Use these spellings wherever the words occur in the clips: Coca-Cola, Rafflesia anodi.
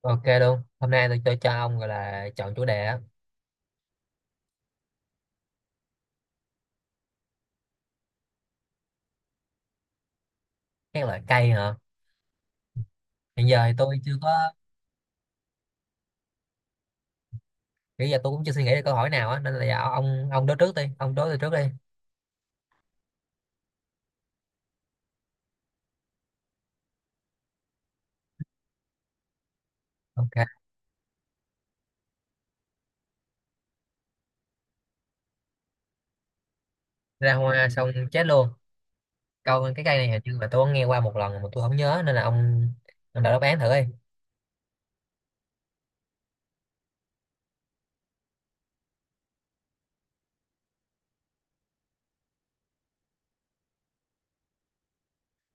Ok luôn. Hôm nay tôi cho ông gọi là chọn chủ đề á. Các loại cây hả? Hiện giờ thì tôi chưa có, bây giờ tôi cũng chưa suy nghĩ được câu hỏi nào á, nên là giờ ông đối trước đi, ông đối tôi trước đi. Ok. Ra hoa xong chết luôn. Câu cái cây này hình như là tôi có nghe qua một lần mà tôi không nhớ, nên là ông đọc đáp án thử đi.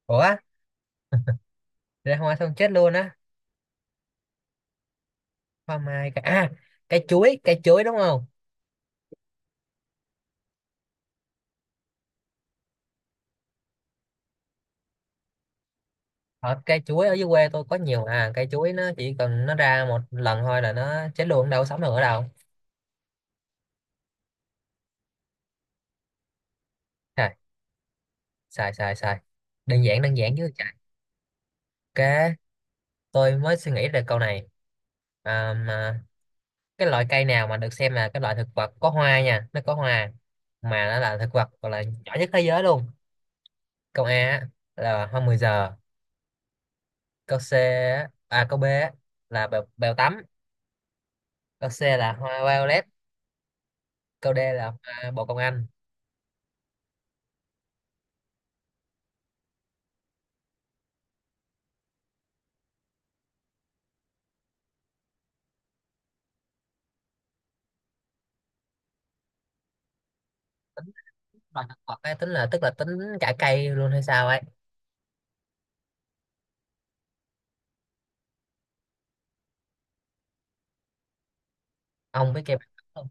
Ủa, ra hoa xong chết luôn á. Hoa mai cả à, cây chuối đúng không? Ở cây chuối ở dưới quê tôi có nhiều à, cây chuối nó chỉ cần nó ra một lần thôi là nó chết luôn, đâu có sống được ở đâu. À, sai sai sai, đơn giản chứ chạy. Ok, tôi mới suy nghĩ ra câu này. À, mà cái loại cây nào mà được xem là cái loại thực vật có hoa nha, nó có hoa mà nó là thực vật gọi là nhỏ nhất thế giới luôn. Câu A á, là hoa 10 giờ. Câu B á, là bèo, bèo tắm. Câu C là hoa violet. Câu D là hoa bồ công anh. Tính loại thực vật ấy, tính là tức là tính cả cây luôn hay sao ấy. Ông biết cây bèo tắm không?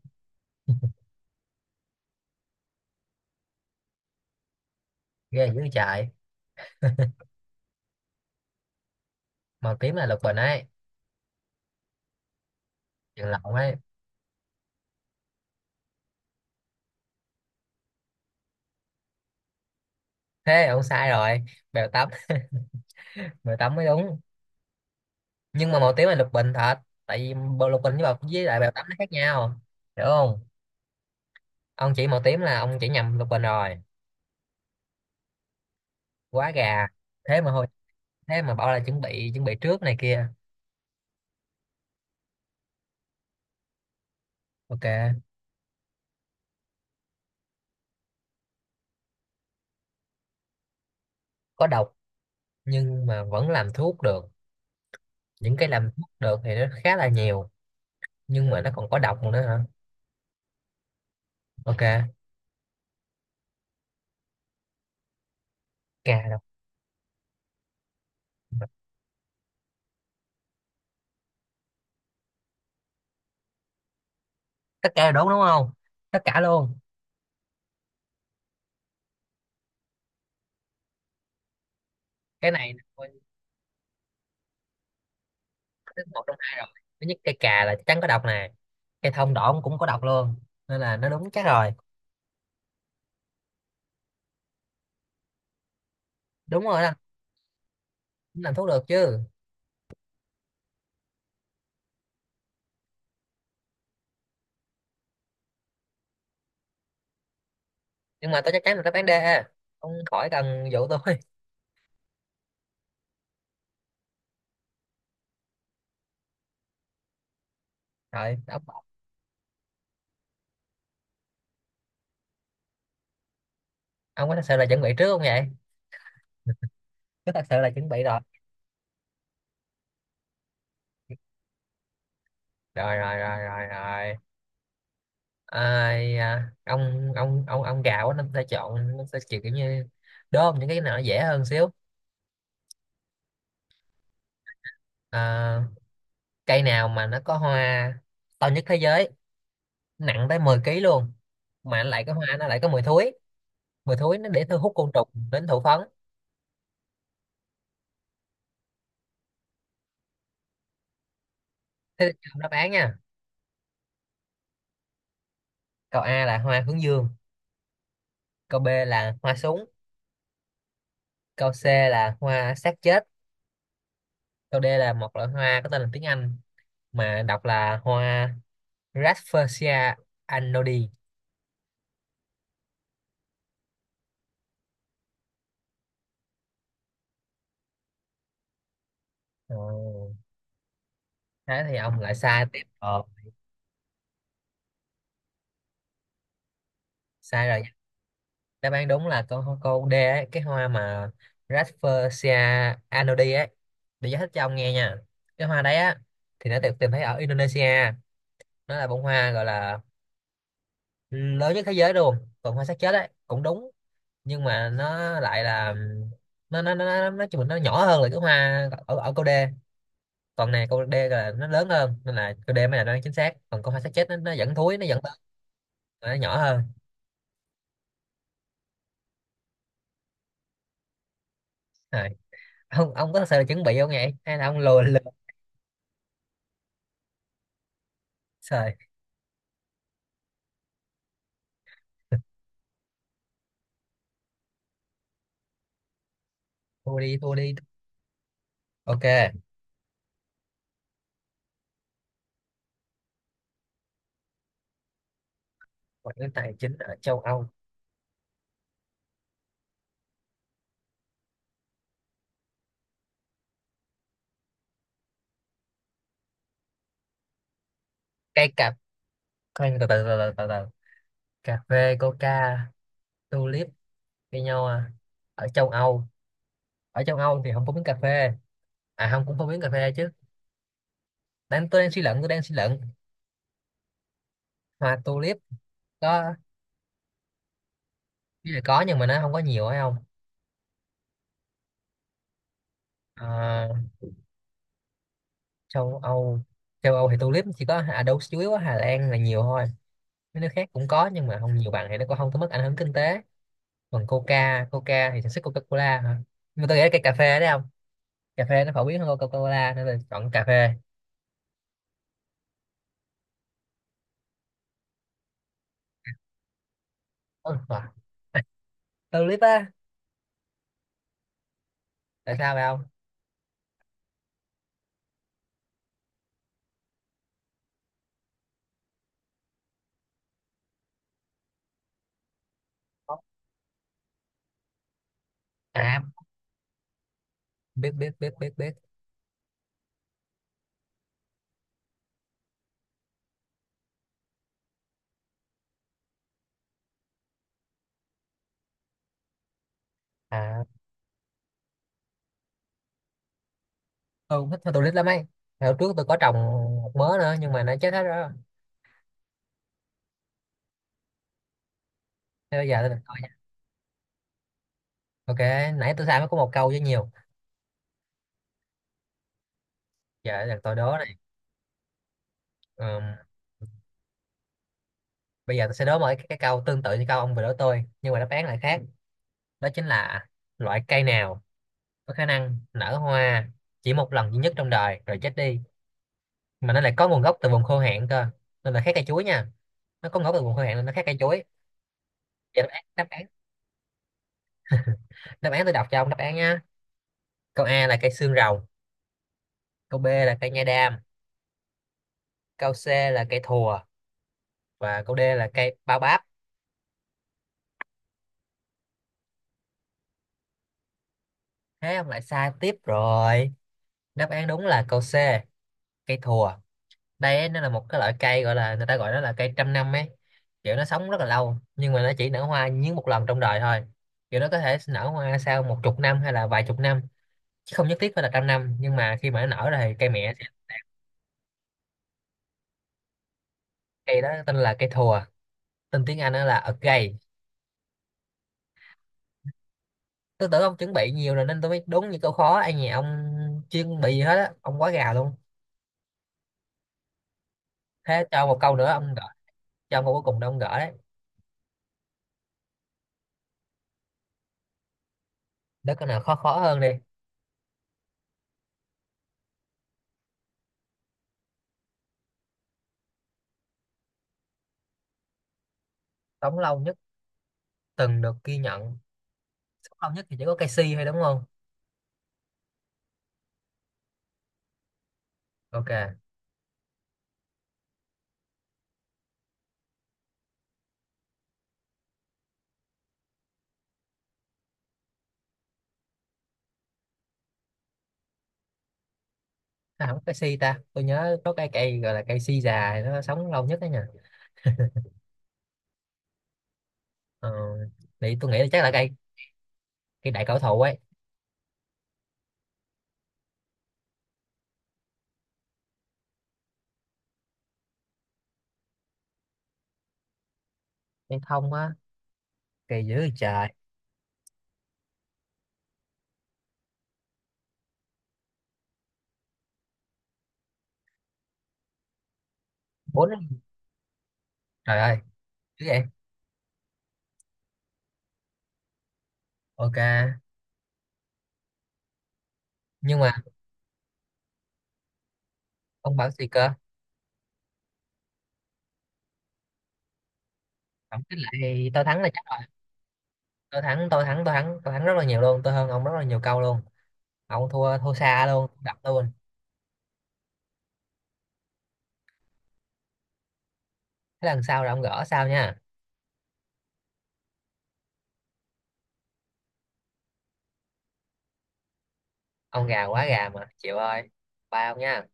Ghê dữ chạy. Màu tím là lục bình ấy, chuyện lộn ấy. Thế ông sai rồi, bèo tắm, bèo tắm mới đúng. Nhưng mà màu tím là lục bình thật, tại vì bộ lục bình với bọc với lại bèo tắm nó khác nhau, hiểu không. Ông chỉ màu tím là ông chỉ nhầm lục bình rồi, quá gà. Thế mà hồi thế mà bảo là chuẩn bị, chuẩn bị trước này kia. Ok. Có độc nhưng mà vẫn làm thuốc được? Những cái làm thuốc được thì nó khá là nhiều, nhưng mà nó còn có độc nữa hả? Ok, gà độc. Tất cả là đúng đúng không? Tất cả luôn. Cái này thứ một trong hai rồi, thứ nhất cây cà là chắc chắn có độc nè, cây thông đỏ cũng có độc luôn, nên là nó đúng chắc rồi. Đúng rồi đó, cũng làm thuốc được chứ. Nhưng mà tôi chắc chắn là đáp án D, ông khỏi cần dụ tôi. Rồi ông có thật sự là chuẩn bị trước không vậy? Có thật sự là chuẩn bị? Rồi rồi rồi rồi rồi rồi. Ai, à, ông gạo á, nó sẽ chọn nó sẽ chịu kiểu như đốm những cái nào nó dễ hơn xíu. À, cây nào mà nó có hoa to nhất thế giới, nặng tới 10 ký luôn, mà nó lại có hoa, nó lại có mùi thối, mùi thối nó để thu hút côn trùng đến thụ phấn. Thế thì đáp án nha. Câu A là hoa hướng dương. Câu B là hoa súng. Câu C là hoa xác chết. Câu D là một loại hoa có tên là tiếng Anh mà đọc là hoa Rafflesia anodi. Ồ, thế thì ông lại sai tiếp ờ, sai rồi. Đáp án đúng là câu câu D ấy, cái hoa mà Rafflesia anodi ấy. Để giải thích cho ông nghe nha, cái hoa đấy á thì nó được tìm thấy ở Indonesia, nó là bông hoa gọi là lớn nhất thế giới luôn. Còn hoa xác chết ấy cũng đúng, nhưng mà nó lại là, nó nói chung là nó nhỏ hơn là cái hoa ở ở câu D. Còn này câu D là nó lớn hơn nên là câu D mới là đoán chính xác, còn câu hoa xác chết nó vẫn thúi, nó vẫn bớt, nó nhỏ hơn. Rồi ông có thật sự là chuẩn bị không vậy hay là ông lùa lừa. Trời, thua đi thua đi. Ok, ngoại ngữ tài chính ở châu Âu. Cây cà. Cây từ từ từ từ từ từ. Cà phê, coca, tulip, cây nho à. Ở châu Âu. Ở châu Âu thì không phổ biến cà phê. À không, cũng phổ biến cà phê chứ. Đang tôi đang suy luận, tôi đang suy luận. Hoa tulip có. Ý là có nhưng mà nó không có nhiều phải không? Ờ, châu Âu. Châu Âu thì tulip chỉ có à đâu chủ yếu ở Hà Lan là nhiều thôi. Mấy nước khác cũng có nhưng mà không nhiều bằng thì nó cũng không có mức ảnh hưởng kinh tế. Còn coca, coca thì sản xuất Coca-Cola hả? Nhưng mà tôi nghĩ là cây cà phê đấy, không? Cà phê nó phổ biến hơn Coca-Cola nên là chọn cà phê. Ừ, à, tulip á. Tại sao vậy ông? À, biết biết biết biết biết. À, tôi cũng thích hoa tulip lắm ấy, hồi trước tôi có trồng một mớ nữa nhưng mà nó chết hết rồi. Thế bây giờ tôi đặt coi nha. Ok, nãy tôi sai mới có một câu với nhiều, giờ là tôi đố này. Ừm, bây giờ tôi sẽ đố một cái câu tương tự như câu ông vừa đố tôi nhưng mà đáp án lại khác. Đó chính là loại cây nào có khả năng nở hoa chỉ một lần duy nhất trong đời rồi chết đi, mà nó lại có nguồn gốc từ vùng khô hạn cơ, nên là khác cây chuối nha. Nó có ngấu từ vùng hơi hạn nên nó khác cây chuối. Vậy đáp án, đáp án tôi đọc cho ông đáp án nhá. Câu A là cây xương rồng. Câu B là cây nha đam. Câu C là cây thùa. Và câu D là cây bao báp. Thế ông lại sai tiếp rồi. Đáp án đúng là câu C, cây thùa. Đây ấy, nó là một cái loại cây gọi là, người ta gọi nó là cây 100 năm ấy, kiểu nó sống rất là lâu nhưng mà nó chỉ nở hoa nhính một lần trong đời thôi. Kiểu nó có thể nở hoa sau một chục năm hay là vài chục năm, chứ không nhất thiết phải là 100 năm, nhưng mà khi mà nó nở rồi thì cây mẹ. Cây đó tên là cây thùa, tên tiếng Anh đó là a gay. Tôi tưởng ông chuẩn bị nhiều rồi nên tôi biết đúng những câu khó, ai nhà ông chuyên bị gì hết á, ông quá gà luôn. Thế cho một câu nữa ông gỡ. Cho ông câu cuối cùng đó ông gỡ đấy. Để câu nào khó khó hơn đi. Sống lâu nhất từng được ghi nhận. Sống lâu nhất thì chỉ có cây si thôi đúng không? Ok. À, không có cây si ta, tôi nhớ có cây, cây gọi là cây si già nó sống lâu nhất đấy nhỉ. Ờ, thì tôi nghĩ là chắc là cây, cây đại cổ thụ ấy. Cây thông á. Cây dữ trời. Bốn, trời ơi. Chứ vậy. Ok. Nhưng mà ông bảo gì cơ? Tổng kết lại thì tôi thắng là chắc rồi. Tôi thắng, tôi thắng, tôi thắng, tôi thắng rất là nhiều luôn, tôi hơn ông rất là nhiều câu luôn, ông thua, thua xa luôn, đập luôn. Thế lần sau là ông gỡ sao nha. Ông gà, quá gà mà chịu ơi. Bye ông nha.